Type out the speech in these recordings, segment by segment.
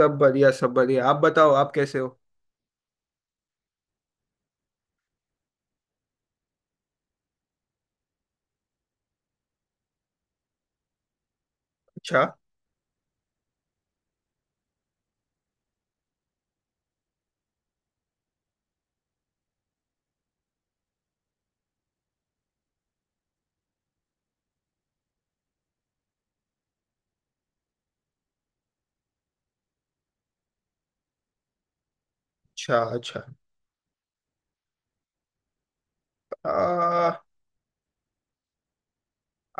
सब बढ़िया सब बढ़िया, आप बताओ, आप कैसे हो? अच्छा अच्छा अच्छा। आ,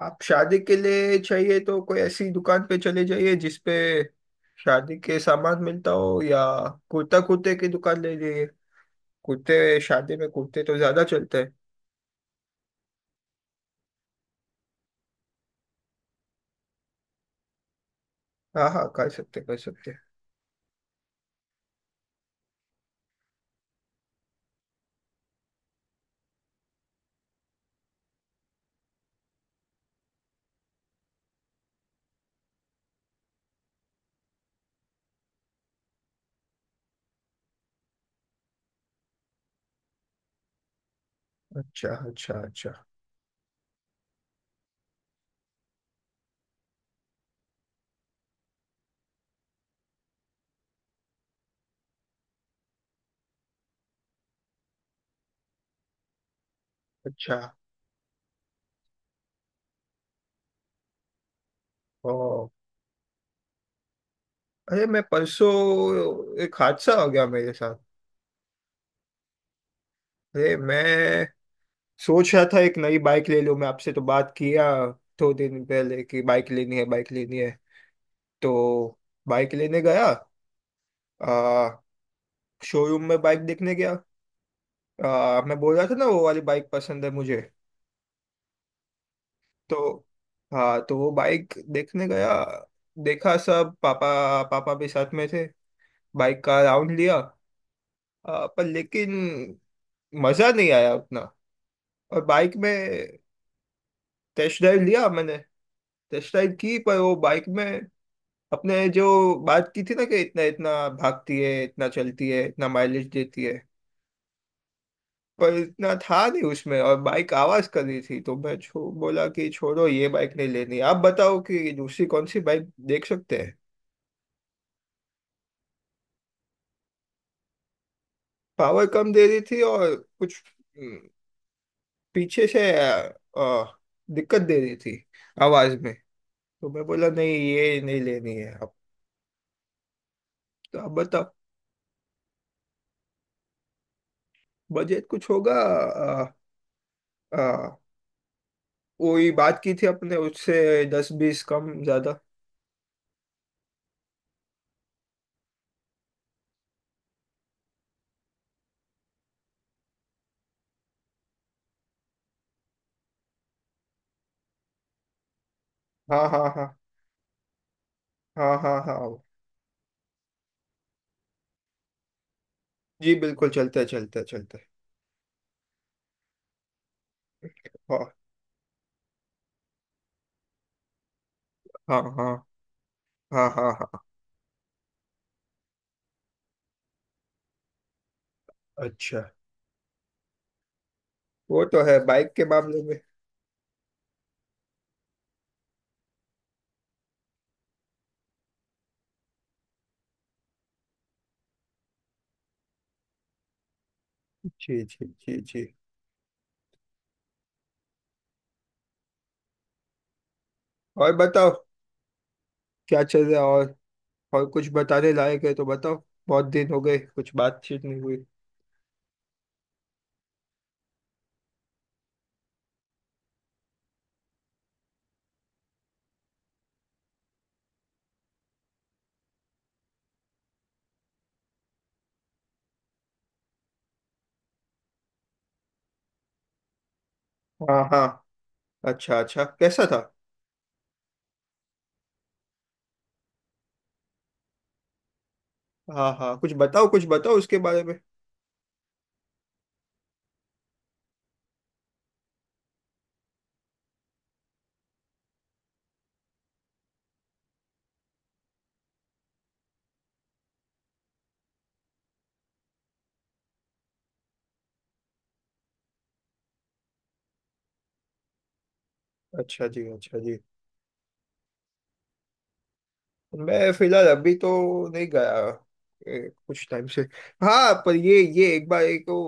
आप शादी के लिए चाहिए तो कोई ऐसी दुकान पे चले जाइए जिसपे शादी के सामान मिलता हो या कुर्ता कुर्ते की दुकान ले लीजिए। कुर्ते, शादी में कुर्ते तो ज्यादा चलते हैं। हाँ हाँ, कर सकते कर सकते। अच्छा अच्छा अच्छा अच्छा। ओ। अरे, मैं परसों एक हादसा हो गया मेरे साथ। अरे मैं सोच रहा था एक नई बाइक ले लूं, मैं आपसे तो बात किया दो दिन पहले कि बाइक लेनी है, बाइक लेनी है। तो बाइक लेने गया। आ, शोरूम में बाइक देखने गया। मैं बोल रहा था ना, वो वाली बाइक पसंद है मुझे। तो हाँ, तो वो बाइक देखने गया। देखा सब, पापा पापा भी साथ में थे। बाइक का राउंड लिया। पर लेकिन मजा नहीं आया उतना। और बाइक में टेस्ट ड्राइव लिया मैंने। टेस्ट ड्राइव की, पर वो बाइक में अपने जो बात की थी ना कि इतना इतना भागती है, इतना चलती है, इतना माइलेज देती है, पर इतना था नहीं उसमें, और बाइक आवाज कर रही थी, तो मैं बोला कि छोड़ो ये बाइक नहीं लेनी, आप बताओ कि दूसरी कौन सी बाइक देख सकते हैं। पावर कम दे रही थी और कुछ हम्म, पीछे से दिक्कत दे रही थी आवाज में। तो मैं बोला नहीं, ये नहीं लेनी है अब। तो आप बताओ। बजट कुछ होगा अ, वही बात की थी अपने उससे, दस बीस कम ज्यादा। हाँ हाँ हाँ हाँ हाँ हाँ हाँ। जी बिल्कुल, चलते चलते चलते। हाँ हाँ हाँ हाँ हाँ हाँ। अच्छा, वो तो है बाइक के मामले में। जी जी जी जी। और बताओ, क्या चल रहा है और? और कुछ बताने लायक है तो बताओ। बहुत दिन हो गए, कुछ बातचीत नहीं हुई। हाँ हाँ। अच्छा अच्छा, कैसा था? हाँ हाँ, कुछ बताओ, कुछ बताओ उसके बारे में। अच्छा जी, अच्छा जी। मैं फिलहाल अभी तो नहीं गया, कुछ टाइम से। हाँ, पर ये एक बार एक वो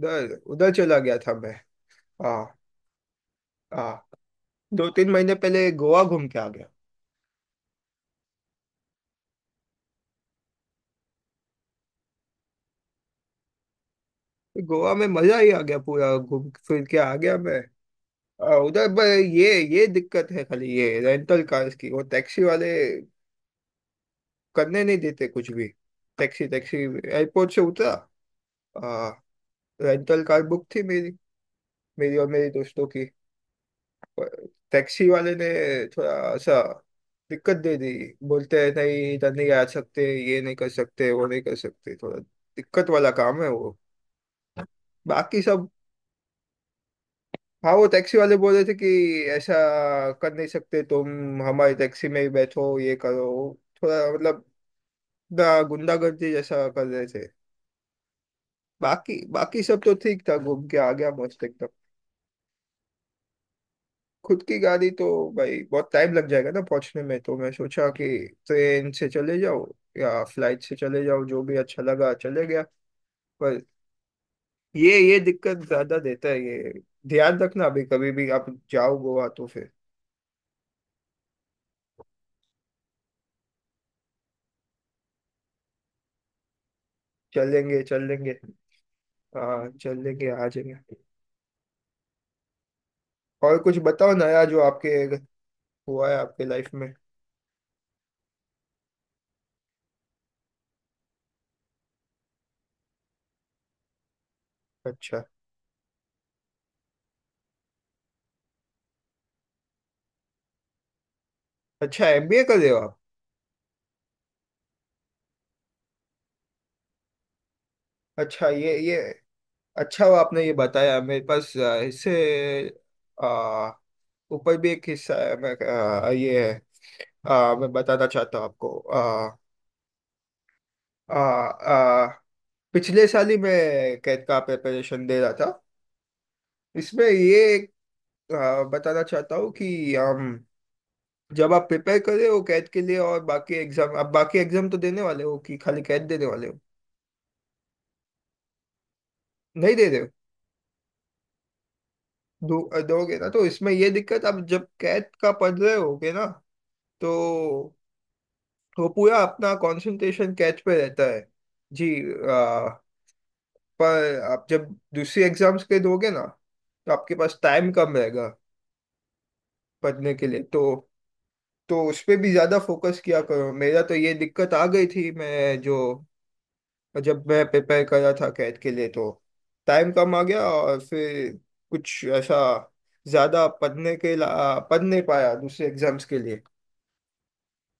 उधर उधर चला गया था मैं। हाँ। हाँ दो तीन महीने पहले गोवा घूम के आ गया। गोवा में मजा ही आ गया, पूरा घूम फिर के आ गया मैं उधर पर। ये ये दिक्कत है खाली, ये रेंटल कार्स की, वो टैक्सी वाले करने नहीं देते कुछ भी। टैक्सी टैक्सी एयरपोर्ट से उतरा, आ, रेंटल कार बुक थी मेरी मेरी और मेरे दोस्तों की। पर टैक्सी वाले ने थोड़ा सा दिक्कत दे दी। बोलते हैं नहीं, इधर नहीं आ सकते, ये नहीं कर सकते, वो नहीं कर सकते, थोड़ा दिक्कत वाला काम है वो। बाकी सब। हाँ, वो टैक्सी वाले बोल रहे थे कि ऐसा कर नहीं सकते तुम, हमारी टैक्सी में ही बैठो, ये करो, थोड़ा मतलब ना गुंडागर्दी जैसा कर रहे थे। बाकी बाकी सब तो ठीक था, घूम के आ गया मस्त एकदम। खुद की गाड़ी तो भाई बहुत टाइम लग जाएगा ना पहुंचने में, तो मैं सोचा कि ट्रेन से चले जाओ या फ्लाइट से चले जाओ, जो भी अच्छा लगा चले गया। पर ये दिक्कत ज्यादा देता है ये। ध्यान रखना अभी, कभी भी आप जाओ गोवा तो फिर। चलेंगे चल लेंगे। हाँ चल लेंगे, आ जाएंगे। और कुछ बताओ नया जो आपके हुआ है आपके लाइफ में। अच्छा अच्छा, एमबीए कर रहे हो आप? अच्छा, ये अच्छा हुआ आपने ये बताया। मेरे पास इससे ऊपर भी एक किस्सा है, मैं ये है, मैं बताना चाहता हूँ आपको। आ, आ, आ, पिछले साल ही मैं कैट का प्रिपरेशन दे रहा था। इसमें ये एक बताना चाहता हूँ कि हम, जब आप प्रिपेयर कर रहे हो कैट के लिए और बाकी एग्जाम, आप बाकी एग्जाम तो देने वाले हो कि खाली कैट देने वाले हो? नहीं दे रहे हो। दो दोगे ना तो इसमें ये दिक्कत, आप जब कैट का पढ़ रहे होगे ना तो वो पूरा अपना कंसंट्रेशन कैच पे रहता है। जी। आ, पर आप जब दूसरी एग्जाम्स के दोगे ना तो आपके पास टाइम कम रहेगा पढ़ने के लिए। तो उस पे भी ज़्यादा फोकस किया करो। मेरा तो ये दिक्कत आ गई थी, मैं जो, जब मैं प्रिपेयर कर रहा था कैट के लिए तो टाइम कम आ गया, और फिर कुछ ऐसा ज़्यादा पढ़ने के पढ़ नहीं पाया दूसरे एग्जाम्स के लिए।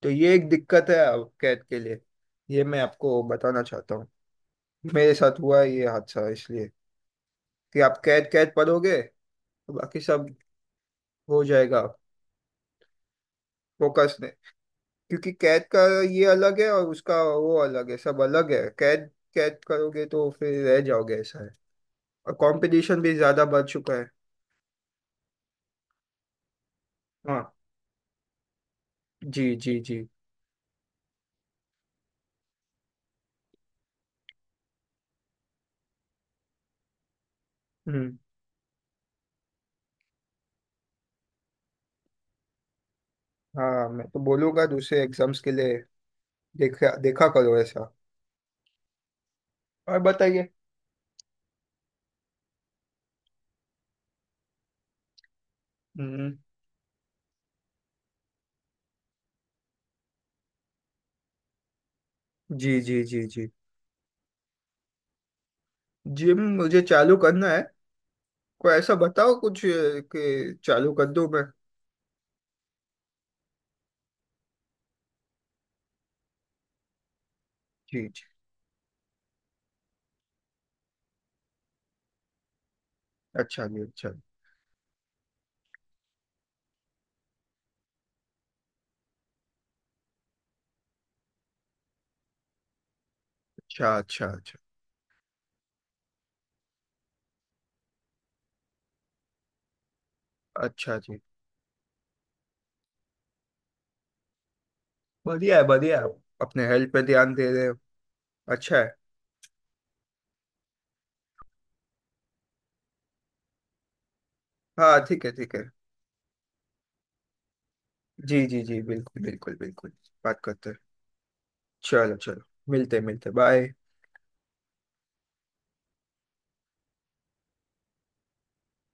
तो ये एक दिक्कत है अब कैट के लिए, ये मैं आपको बताना चाहता हूँ। मेरे साथ हुआ है ये हादसा, इसलिए कि आप कैट, कैट पढ़ोगे तो बाकी सब हो जाएगा फोकस में। क्योंकि कैद का ये अलग है, और उसका वो अलग है, सब अलग है, कैद कैद करोगे तो फिर रह जाओगे, ऐसा है। और कंपटीशन भी ज्यादा बढ़ चुका है। हाँ, जी जी जी। हम्म। हाँ, मैं तो बोलूंगा दूसरे एग्जाम्स के लिए देखा देखा करो ऐसा। और बताइए। हम्म। जी जी जी जी। जिम मुझे चालू करना है, कोई ऐसा बताओ कुछ, कि चालू कर दूं मैं। जी जी। अच्छा जी। अच्छा अच्छा अच्छा अच्छा। अच्छा जी। बढ़िया है, बढ़िया है। आप अपने हेल्थ पे ध्यान दे रहे हो, अच्छा है। हाँ ठीक है, ठीक है। जी जी जी, बिल्कुल बिल्कुल बिल्कुल। बात करते हैं। चलो चलो। मिलते मिलते, बाय।